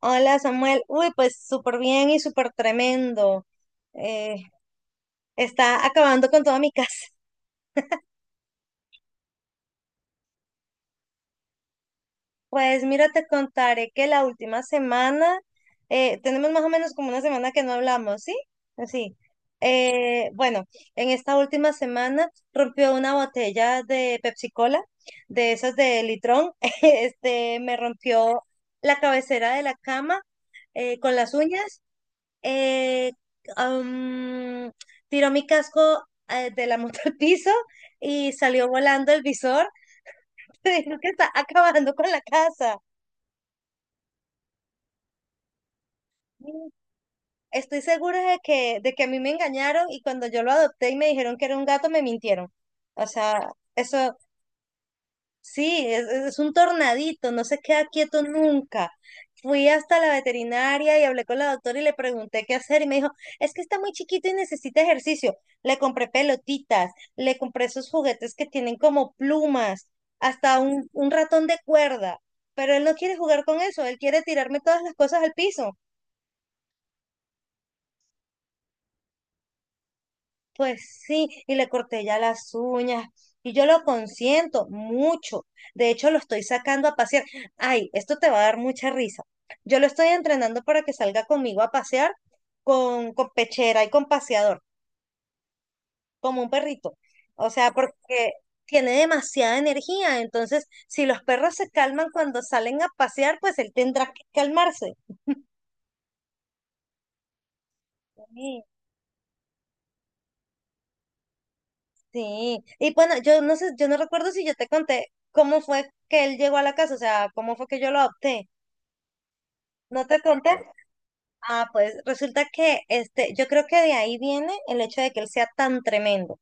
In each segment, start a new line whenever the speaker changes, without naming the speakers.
Hola Samuel, uy, pues súper bien y súper tremendo. Eh, Está acabando con toda mi casa. Pues mira, te contaré que la última semana, tenemos más o menos como una semana que no hablamos, ¿sí? Sí. Bueno, en esta última semana rompió una botella de Pepsi Cola, de esas de litrón. Me rompió la cabecera de la cama con las uñas eh, am, tiró mi casco de la moto al piso y salió volando el visor. Te digo que está acabando con la casa. Estoy segura de que a mí me engañaron y cuando yo lo adopté y me dijeron que era un gato, me mintieron. O sea, eso, sí, es un tornadito, no se queda quieto nunca. Fui hasta la veterinaria y hablé con la doctora y le pregunté qué hacer y me dijo, es que está muy chiquito y necesita ejercicio. Le compré pelotitas, le compré esos juguetes que tienen como plumas, hasta un ratón de cuerda, pero él no quiere jugar con eso, él quiere tirarme todas las cosas al piso. Pues sí, y le corté ya las uñas. Y yo lo consiento mucho. De hecho, lo estoy sacando a pasear. Ay, esto te va a dar mucha risa. Yo lo estoy entrenando para que salga conmigo a pasear con pechera y con paseador, como un perrito. O sea, porque tiene demasiada energía. Entonces, si los perros se calman cuando salen a pasear, pues él tendrá que calmarse. Sí. Sí, y bueno, yo no sé, yo no recuerdo si yo te conté cómo fue que él llegó a la casa, o sea, cómo fue que yo lo adopté. ¿No te conté? Ah, pues resulta que este, yo creo que de ahí viene el hecho de que él sea tan tremendo,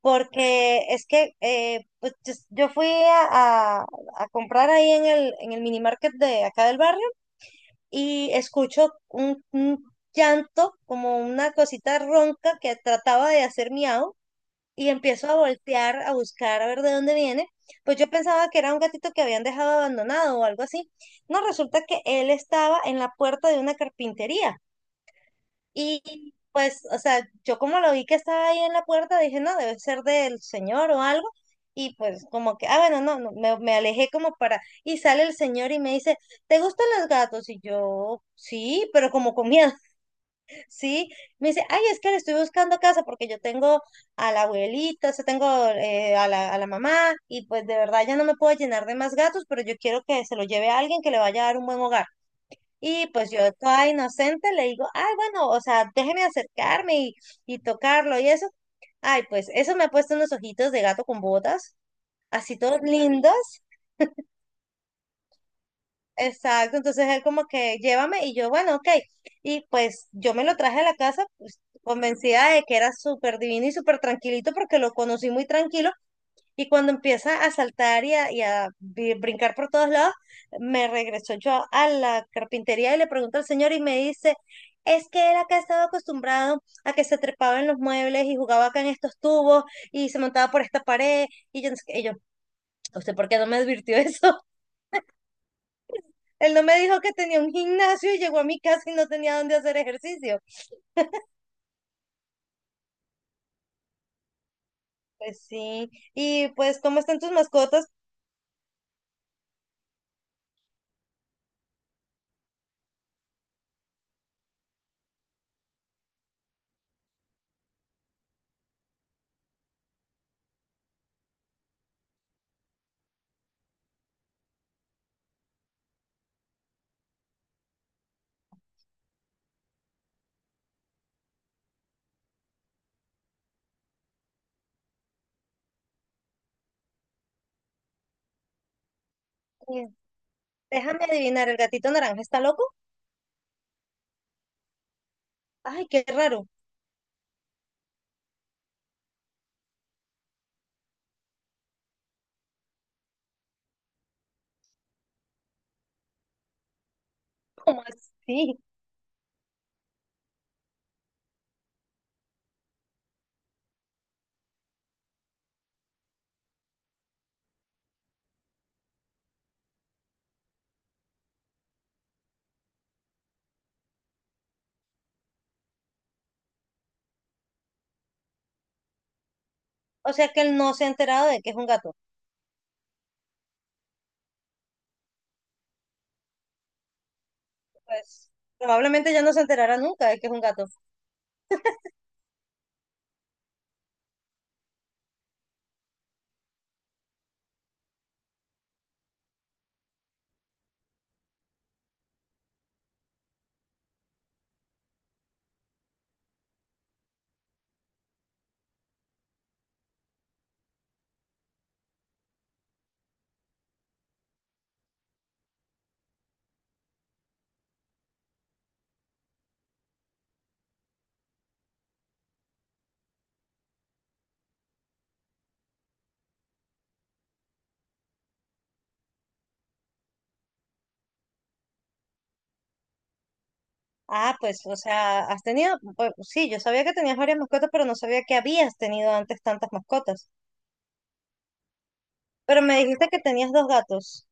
porque es que pues yo a comprar ahí en en el mini market de acá del barrio y escucho un llanto, como una cosita ronca que trataba de hacer miau y empiezo a voltear, a buscar, a ver de dónde viene, pues yo pensaba que era un gatito que habían dejado abandonado o algo así. No, resulta que él estaba en la puerta de una carpintería. Y pues, o sea, yo como lo vi que estaba ahí en la puerta, dije, no, debe ser del señor o algo. Y pues como que, ah, bueno, no, no, me alejé como para... Y sale el señor y me dice, ¿te gustan los gatos? Y yo, sí, pero como con miedo. Sí, me dice, ay, es que le estoy buscando casa porque yo tengo a la abuelita, o sea, tengo a a la mamá y pues de verdad ya no me puedo llenar de más gatos, pero yo quiero que se lo lleve a alguien que le vaya a dar un buen hogar. Y pues yo toda inocente le digo, ay, bueno, o sea, déjeme acercarme y tocarlo y eso. Ay, pues eso me ha puesto unos ojitos de gato con botas, así todos lindos. Exacto, entonces él como que llévame y yo, bueno, ok. Y pues yo me lo traje a la casa, pues convencida de que era súper divino y súper tranquilito porque lo conocí muy tranquilo y cuando empieza a saltar y y a brincar por todos lados, me regresó yo a la carpintería y le pregunto al señor y me dice, es que él acá estaba acostumbrado a que se trepaba en los muebles y jugaba acá en estos tubos y se montaba por esta pared y yo, no sé qué". Y yo, ¿usted por qué no me advirtió eso? Él no me dijo que tenía un gimnasio y llegó a mi casa y no tenía dónde hacer ejercicio. Pues sí. Y pues, ¿cómo están tus mascotas? Eh, Déjame adivinar, ¿el gatito naranja está loco? Ay, qué raro. ¿Cómo así? O sea que él no se ha enterado de que es un gato. Pues probablemente ya no se enterará nunca de que es un gato. Ah, pues, o sea, has tenido, pues, sí, yo sabía que tenías varias mascotas, pero no sabía que habías tenido antes tantas mascotas. Pero me dijiste que tenías dos gatos.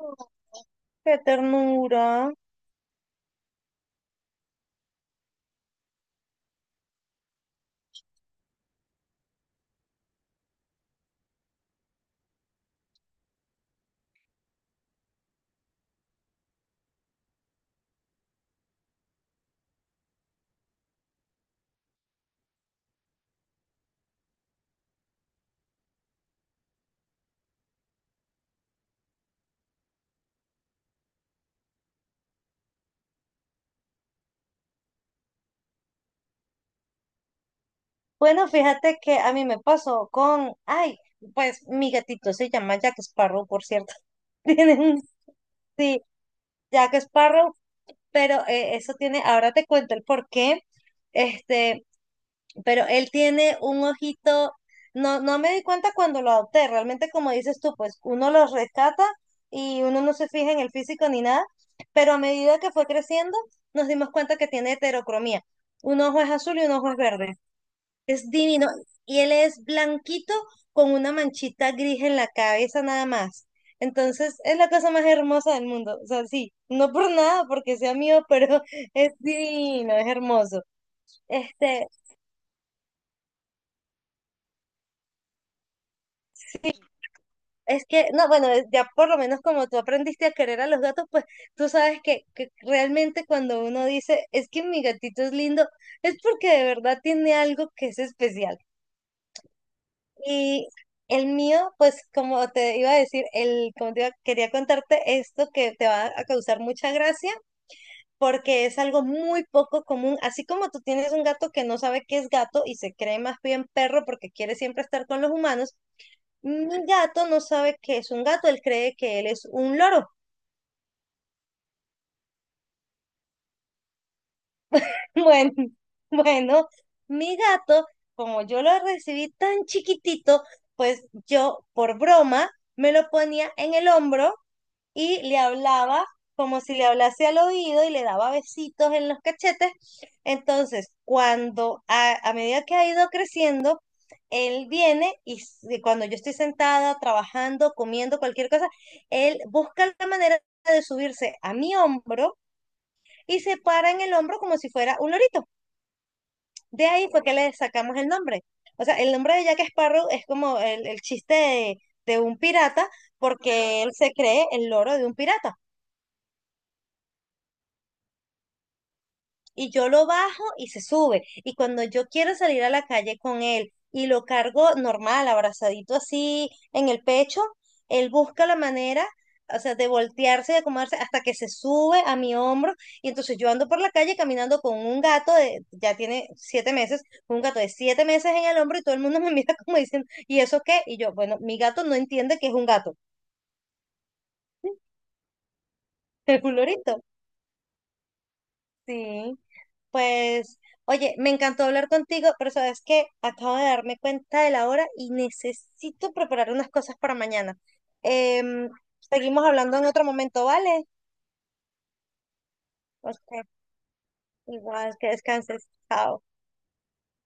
Oh, qué ternura. Bueno, fíjate que a mí me pasó con, ay, pues mi gatito se llama Jack Sparrow, por cierto. Tiene un, sí, Jack Sparrow, pero eso tiene, ahora te cuento el por qué, este, pero él tiene un ojito, no me di cuenta cuando lo adopté, realmente como dices tú, pues uno los rescata y uno no se fija en el físico ni nada, pero a medida que fue creciendo, nos dimos cuenta que tiene heterocromía. Un ojo es azul y un ojo es verde. Es divino. Y él es blanquito con una manchita gris en la cabeza nada más. Entonces es la cosa más hermosa del mundo. O sea, sí, no por nada, porque sea mío, pero es divino, es hermoso. Este, es que, no, bueno, ya por lo menos como tú aprendiste a querer a los gatos, pues tú sabes que realmente cuando uno dice, es que mi gatito es lindo, es porque de verdad tiene algo que es especial. Y el mío, pues como te iba a decir, quería contarte esto que te va a causar mucha gracia porque es algo muy poco común. Así como tú tienes un gato que no sabe qué es gato y se cree más bien perro porque quiere siempre estar con los humanos, mi gato no sabe qué es un gato, él cree que él es un loro. Bueno, bueno, mi gato, como yo lo recibí tan chiquitito, pues yo por broma me lo ponía en el hombro y le hablaba como si le hablase al oído y le daba besitos en los cachetes. Entonces, a medida que ha ido creciendo, él viene y cuando yo estoy sentada, trabajando, comiendo cualquier cosa, él busca la manera de subirse a mi hombro y se para en el hombro como si fuera un lorito. De ahí fue que le sacamos el nombre. O sea, el nombre de Jack Sparrow es como el chiste de un pirata porque él se cree el loro de un pirata. Y yo lo bajo y se sube. Y cuando yo quiero salir a la calle con él y lo cargo normal, abrazadito así en el pecho, él busca la manera, o sea, de voltearse, de acomodarse hasta que se sube a mi hombro. Y entonces yo ando por la calle caminando con un gato de, ya tiene 7 meses, un gato de 7 meses en el hombro y todo el mundo me mira como diciendo, ¿y eso qué? Y yo, bueno, mi gato no entiende que es un gato, es un lorito. Sí. Pues, oye, me encantó hablar contigo, pero sabes que acabo de darme cuenta de la hora y necesito preparar unas cosas para mañana. Em, Seguimos hablando en otro momento, ¿vale? Ok, igual que descanses. Chao.